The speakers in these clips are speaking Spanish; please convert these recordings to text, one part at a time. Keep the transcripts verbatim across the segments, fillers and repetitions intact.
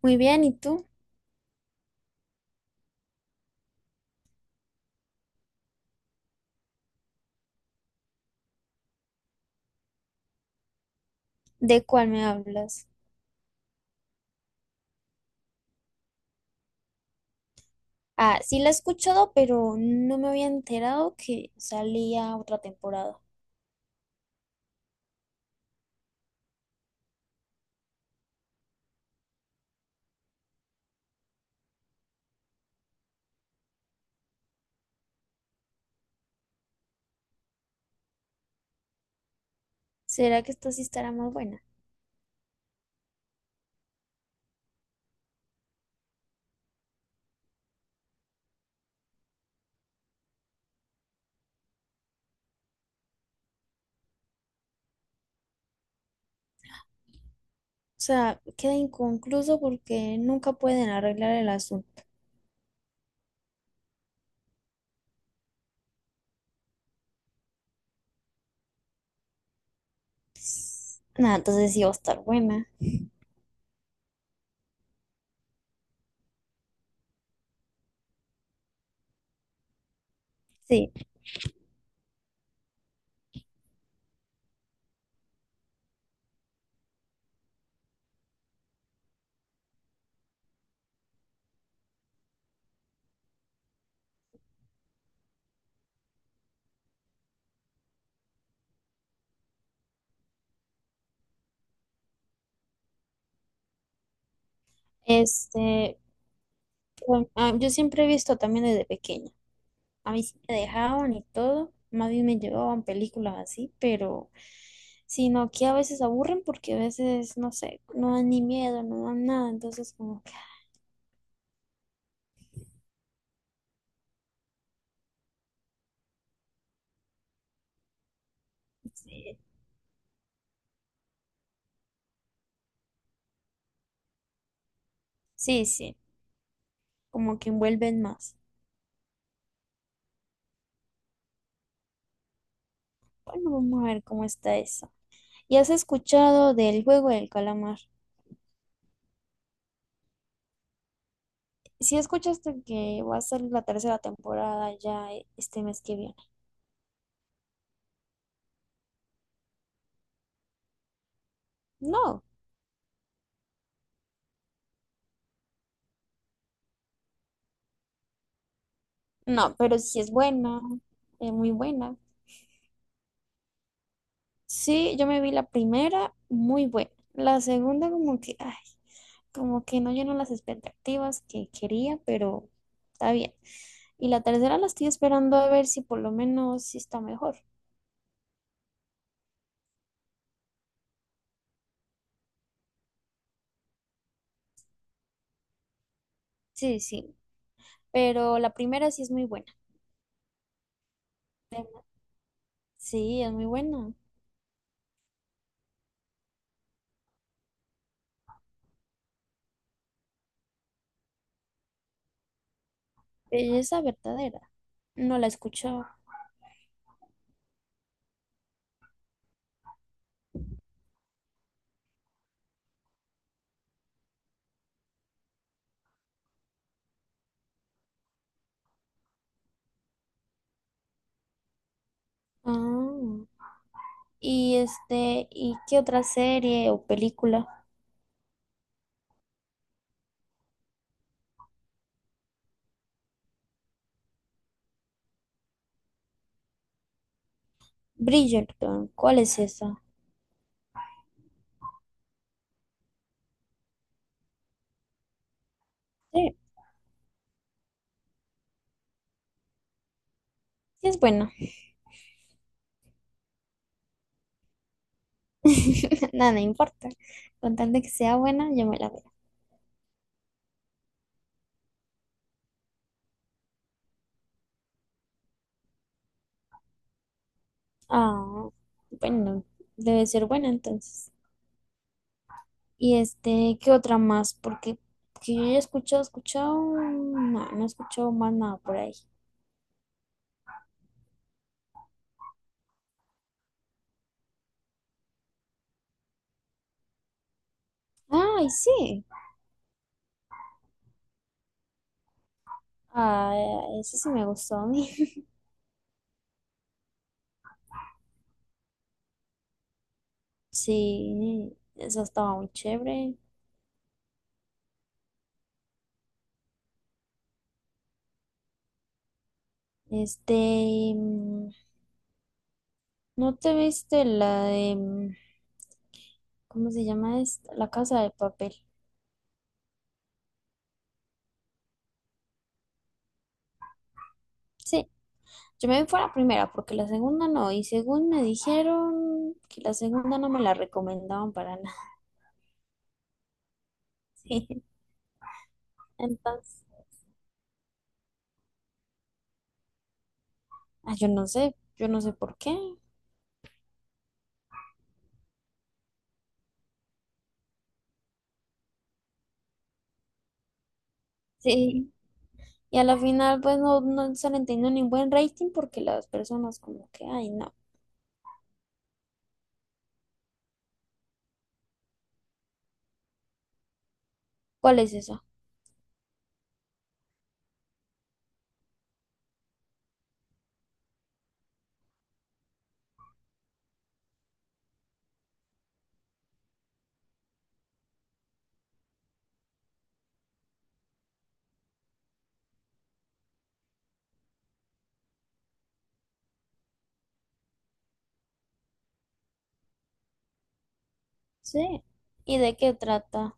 Muy bien, ¿y tú? ¿De cuál me hablas? Ah, sí la he escuchado, pero no me había enterado que salía otra temporada. ¿Será que esta sí estará más buena? O sea, queda inconcluso porque nunca pueden arreglar el asunto. Nada, entonces sí va a estar buena. Sí. Este, bueno, ah, yo siempre he visto también desde pequeña. A mí sí me dejaban y todo, más bien me llevaban películas así, pero sino que a veces aburren porque a veces, no sé, no dan ni miedo, no dan nada, entonces como que, ah, Sí, sí, sí, como que envuelven más. Bueno, vamos a ver cómo está eso. ¿Y has escuchado del juego del calamar? ¿Si escuchaste que va a ser la tercera temporada ya eh, este mes que viene? No, no, pero sí es buena, es muy buena. Sí, yo me vi la primera, muy buena. La segunda como que, ay, como que no llenó las expectativas que quería, pero está bien. Y la tercera la estoy esperando a ver si por lo menos sí está mejor. Sí, sí, pero la primera sí es muy buena. Sí, es muy buena. Belleza verdadera. No la he escuchado. Ah, y este, ¿y qué otra serie o película? Bridgerton, ¿cuál es esa? Sí, sí es buena. Nada, no importa. Con tal de que sea buena, yo me la veo. Ah, bueno, debe ser buena entonces. Y este, ¿qué otra más? Porque que yo ya he escuchado, escuchado, no, no he escuchado más nada por ahí. Ay, sí. Ah, eso sí me gustó a mí. Sí, esa estaba muy chévere. Este, mm, ¿No te viste la de, mm, cómo se llama esta? La Casa de Papel. Sí, yo me fui a la primera porque la segunda no, y según me dijeron que la segunda no me la recomendaban para nada. Sí. Entonces, ah, yo no sé, yo no sé por qué. Sí, y a la final pues no, no se le entendió ni buen rating porque las personas como que, ay, no, ¿cuál es eso? Sí, ¿y de qué trata?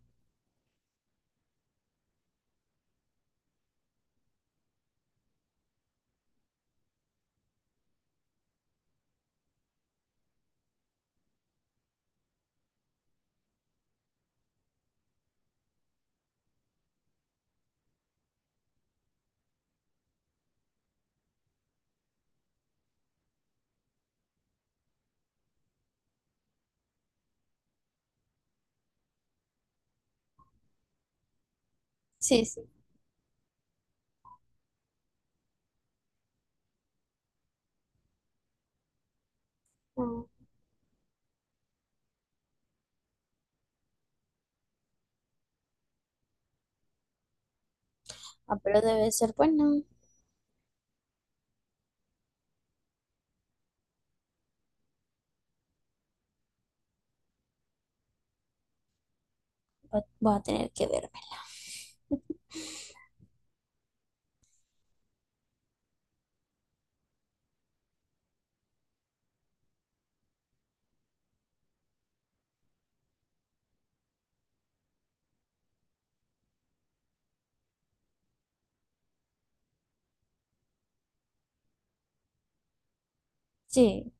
Sí, sí. Ah, ah, pero debe ser bueno. Va- voy a tener que verme. Sí,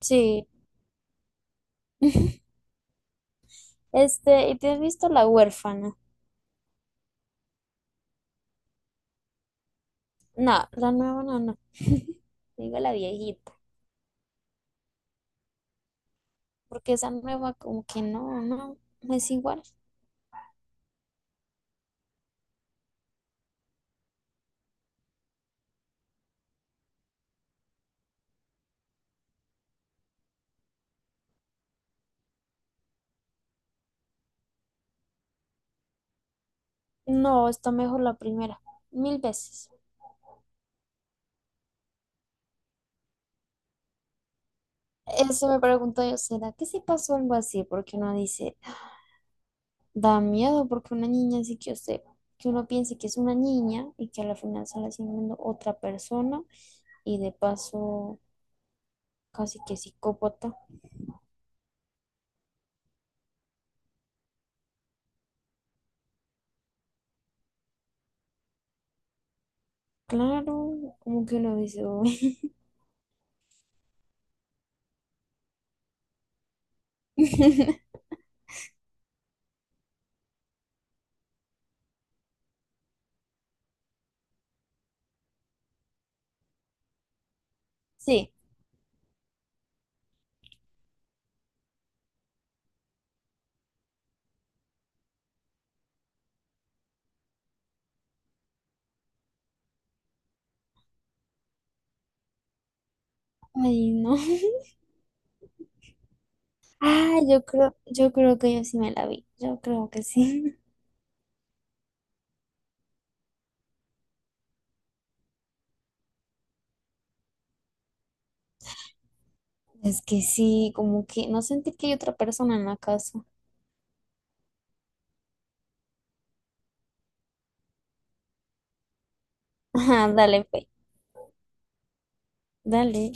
sí. Este, ¿y te has visto La huérfana? No, la nueva no, no. Digo la viejita, porque esa nueva como que no, no, no es igual. No, está mejor la primera, mil veces. Eso me pregunto yo, ¿será que sí pasó algo así? Porque uno dice, da miedo porque una niña así que yo sé, que uno piense que es una niña y que a la final sale siendo otra persona y de paso casi que psicópata. Claro, como que uno dice, "Uy". Sí, ay no. Ah, yo creo, yo creo que yo sí me la vi. Yo creo que sí. Es que sí, como que no sentí que hay otra persona en la casa. Ajá, dale, fe. Dale.